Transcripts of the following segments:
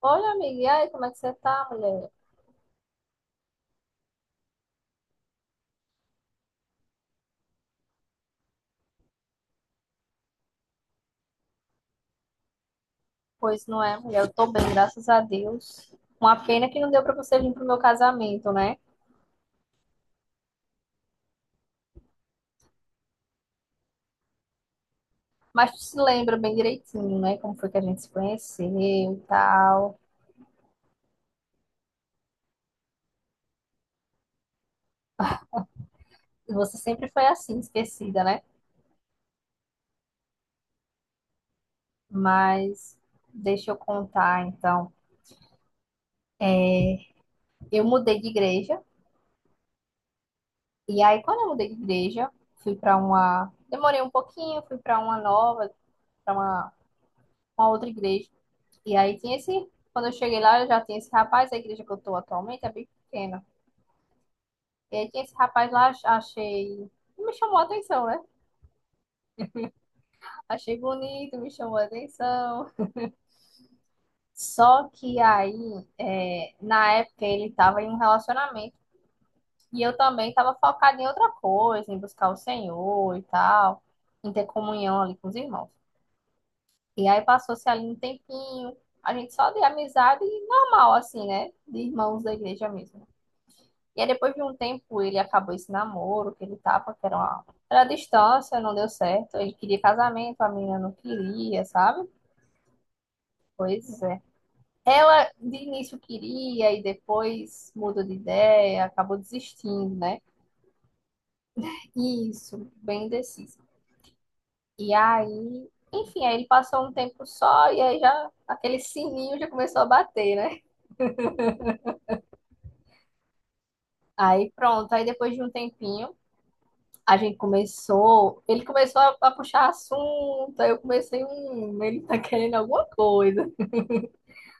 Olha, amiga, e aí, como é que você tá, mulher? Pois não é, mulher, eu tô bem, graças a Deus. Uma pena que não deu pra você vir pro meu casamento, né? Mas tu se lembra bem direitinho, né? Como foi que a gente se conheceu e tal. E você sempre foi assim, esquecida, né? Mas deixa eu contar, então. Eu mudei de igreja, e aí, quando eu mudei de igreja, fui pra uma. Demorei um pouquinho, fui pra uma nova, pra uma outra igreja. E aí tinha esse. Quando eu cheguei lá, eu já tinha esse rapaz, a igreja que eu tô atualmente é bem pequena. E aí tinha esse rapaz lá, achei. Me chamou a atenção, né? Achei bonito, me chamou a atenção. Só que aí, na época, ele tava em um relacionamento. E eu também tava focada em outra coisa, em buscar o Senhor e tal, em ter comunhão ali com os irmãos. E aí passou-se ali um tempinho, a gente só de amizade normal, assim, né? De irmãos da igreja mesmo. E aí, depois de um tempo, ele acabou esse namoro que ele tava, que era uma, era a distância, não deu certo. Ele queria casamento, a menina não queria, sabe? Pois é. Ela de início queria e depois mudou de ideia, acabou desistindo, né? Isso, bem indecisa. E aí, enfim, aí ele passou um tempo só e aí já aquele sininho já começou a bater, né? Aí pronto, aí depois de um tempinho, a gente começou, ele começou a puxar assunto, aí eu comecei, ele tá querendo alguma coisa.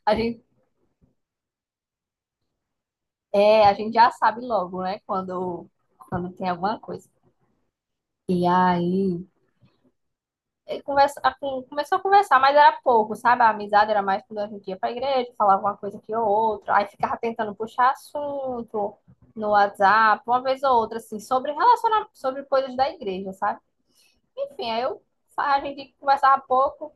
A gente, a gente já sabe logo, né, quando tem alguma coisa. E aí, ele conversa, começou a conversar, mas era pouco, sabe? A amizade era mais quando a gente ia pra igreja, falava uma coisa aqui ou outra, aí ficava tentando puxar assunto no WhatsApp, uma vez ou outra, assim, sobre relacionamento, sobre coisas da igreja, sabe? Enfim, aí eu, a gente conversava pouco.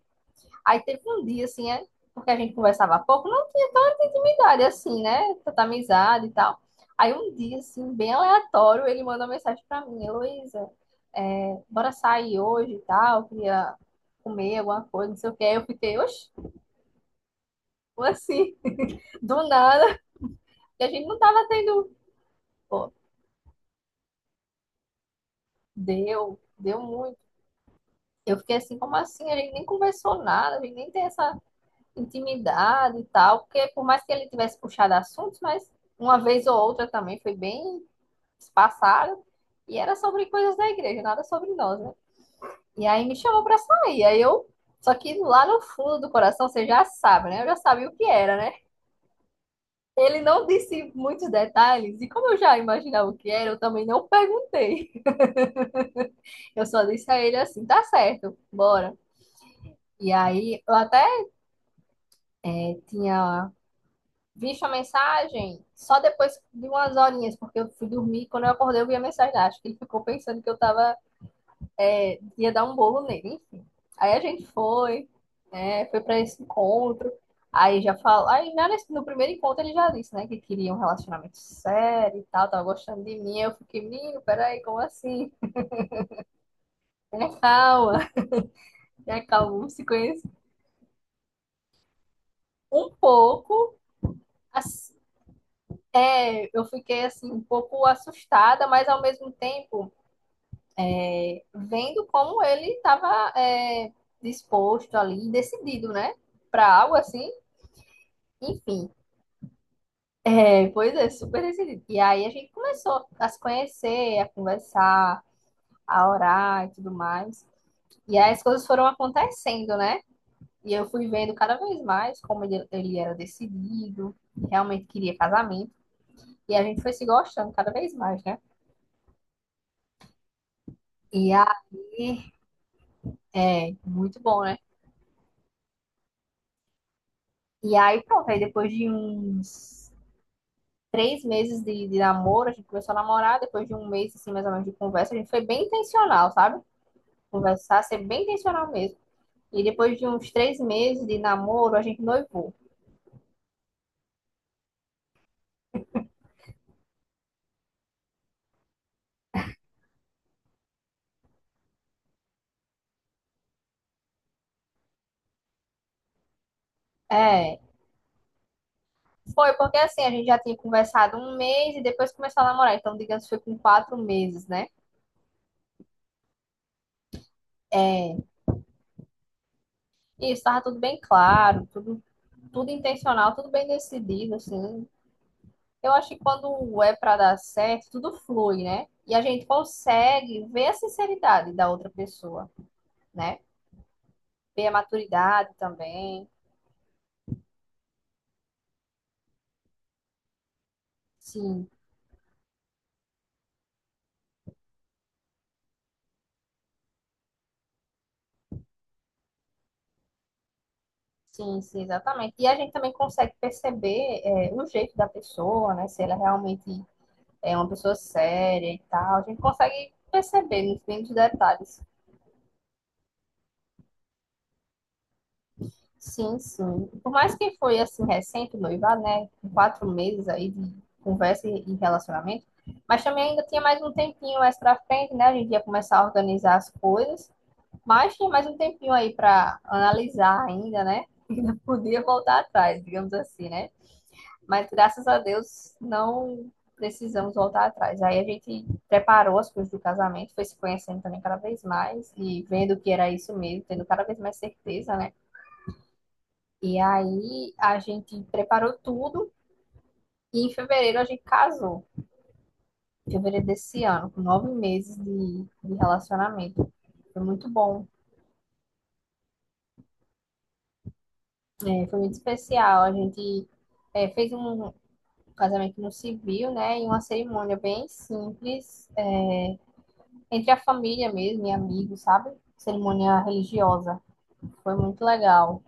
Aí teve um dia, assim, porque a gente conversava pouco, não tinha tanta intimidade, assim, né? Tanta amizade e tal. Aí um dia, assim, bem aleatório, ele mandou uma mensagem pra mim, Heloísa, bora sair hoje e tal, queria comer alguma coisa, não sei o que. Aí eu fiquei, oxe, como assim, do nada, e a gente não tava tendo, pô, deu, deu muito. Eu fiquei assim, como assim? A gente nem conversou nada, a gente nem tem essa intimidade e tal, porque por mais que ele tivesse puxado assuntos, mas uma vez ou outra também foi bem espaçado, e era sobre coisas da igreja, nada sobre nós, né? E aí me chamou pra sair, aí eu, só que lá no fundo do coração, você já sabe, né? Eu já sabia o que era, né? Ele não disse muitos detalhes, e como eu já imaginava o que era, eu também não perguntei. Eu só disse a ele assim, tá certo, bora. E aí, eu até tinha. Vi sua mensagem só depois de umas horinhas, porque eu fui dormir. Quando eu acordei, eu vi a mensagem. Acho que ele ficou pensando que eu tava, ia dar um bolo nele, enfim. Aí a gente foi, né? Foi pra esse encontro. Aí já falou. Aí já no primeiro encontro ele já disse, né? Que queria um relacionamento sério e tal, tava gostando de mim. Aí eu fiquei, menino, peraí, como assim? Tenha calma, tenha calma, vamos se conhecer. Um pouco, assim, eu fiquei assim, um pouco assustada, mas ao mesmo tempo, vendo como ele estava disposto ali, decidido, né? Para algo assim. Enfim, pois é, super decidido. E aí a gente começou a se conhecer, a conversar, a orar e tudo mais. E aí as coisas foram acontecendo, né? E eu fui vendo cada vez mais como ele era decidido, realmente queria casamento. E a gente foi se gostando cada vez mais, né? E aí, muito bom, né? E aí, pronto, aí depois de uns 3 meses de namoro, a gente começou a namorar, depois de um mês, assim, mais ou menos, de conversa, a gente foi bem intencional, sabe? Conversar, ser bem intencional mesmo. E depois de uns 3 meses de namoro, a gente noivou. É, foi porque assim, a gente já tinha conversado um mês e depois começou a namorar. Então, digamos, foi com 4 meses, né? É, e estava tudo bem claro, tudo, tudo intencional, tudo bem decidido, assim. Eu acho que quando é para dar certo, tudo flui, né? E a gente consegue ver a sinceridade da outra pessoa, né? Ver a maturidade também. Sim, sim, sim, exatamente. E a gente também consegue perceber o jeito da pessoa, né? Se ela realmente é uma pessoa séria e tal. A gente consegue perceber nos mínimos detalhes. Sim, sim. Por mais que foi assim recente o noivado, né? Com 4 meses aí de conversa e relacionamento. Mas também ainda tinha mais um tempinho mais pra frente, né? A gente ia começar a organizar as coisas. Mas tem mais um tempinho aí para analisar ainda, né? Ainda podia voltar atrás, digamos assim, né? Mas graças a Deus não precisamos voltar atrás. Aí a gente preparou as coisas do casamento, foi se conhecendo também cada vez mais e vendo que era isso mesmo, tendo cada vez mais certeza, né? E aí a gente preparou tudo e em fevereiro a gente casou. Em fevereiro desse ano, com 9 meses de relacionamento. Foi muito bom, foi muito especial. A gente fez um casamento no civil, né? E uma cerimônia bem simples, entre a família mesmo e amigos, sabe? Cerimônia religiosa. Foi muito legal.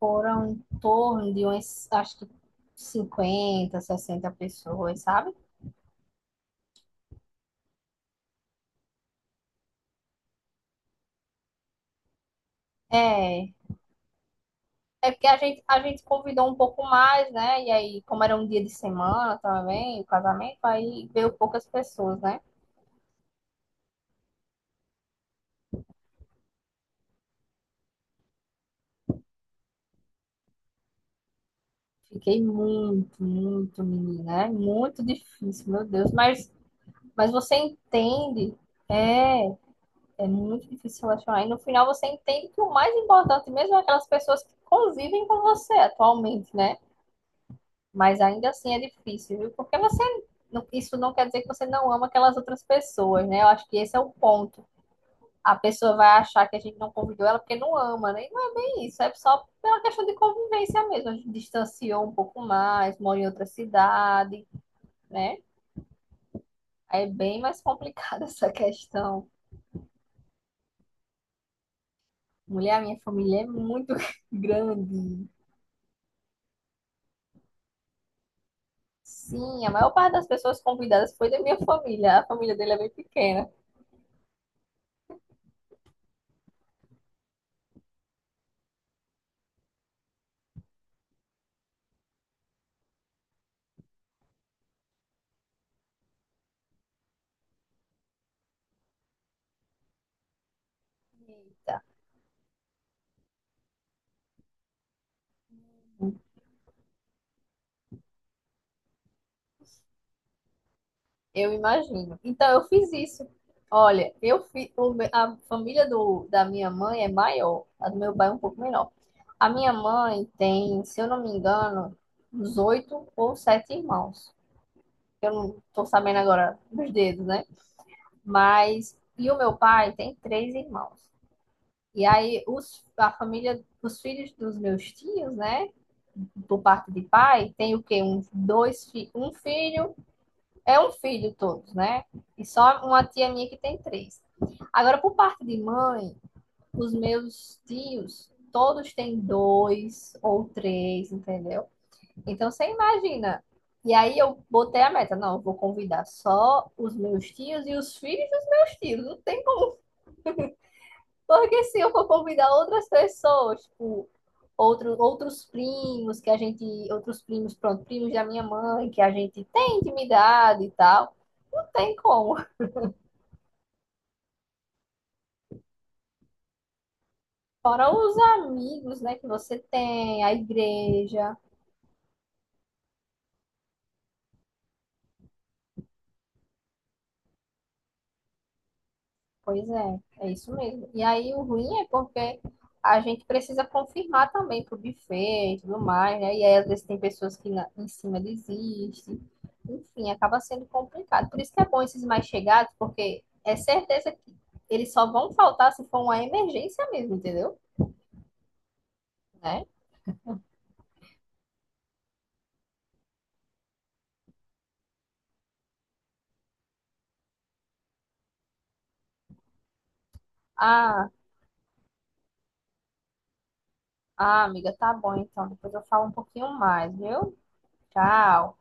Foram em torno de umas, acho que 50, 60 pessoas, sabe? É, é, porque a gente convidou um pouco mais, né? E aí, como era um dia de semana também, o casamento, aí veio poucas pessoas, né? Fiquei muito, muito, menina. É muito difícil, meu Deus. Mas você entende, é, é muito difícil relacionar. E no final você entende que o mais importante mesmo é aquelas pessoas que convivem com você atualmente, né? Mas ainda assim é difícil, viu? Porque você, isso não quer dizer que você não ama aquelas outras pessoas, né? Eu acho que esse é o ponto. A pessoa vai achar que a gente não convidou ela porque não ama, né? E não é bem isso, é só pela questão de convivência mesmo. A gente distanciou um pouco mais, mora em outra cidade, né? Aí é bem mais complicada essa questão. Mulher, a minha família é muito grande. Sim, a maior parte das pessoas convidadas foi da minha família. A família dele é bem pequena. Eita, eu imagino. Então, eu fiz isso. Olha, eu a família da minha mãe é maior, a do meu pai é um pouco menor. A minha mãe tem, se eu não me engano, uns oito ou sete irmãos. Eu não estou sabendo agora dos dedos, né? Mas, e o meu pai tem três irmãos. E aí os, a família, os filhos dos meus tios, né? Por parte de pai, tem o quê? Um, dois, um filho, é um filho todos, né? E só uma tia minha que tem três. Agora, por parte de mãe, os meus tios, todos têm dois ou três, entendeu? Então, você imagina. E aí eu botei a meta, não, eu vou convidar só os meus tios e os filhos dos meus tios. Não tem como, porque se eu for convidar outras pessoas, tipo, outros primos que a gente, outros primos, pronto, primos da minha mãe, que a gente tem intimidade e tal, não tem como. Fora os amigos, né, que você tem, a igreja. Pois é, é isso mesmo. E aí o ruim é porque a gente precisa confirmar também pro buffet e tudo mais, né? E aí às vezes tem pessoas que em cima desistem. Enfim, acaba sendo complicado. Por isso que é bom esses mais chegados, porque é certeza que eles só vão faltar se for uma emergência mesmo, entendeu? Né? Ah, ah, amiga, tá bom então. Depois eu falo um pouquinho mais, viu? Tchau.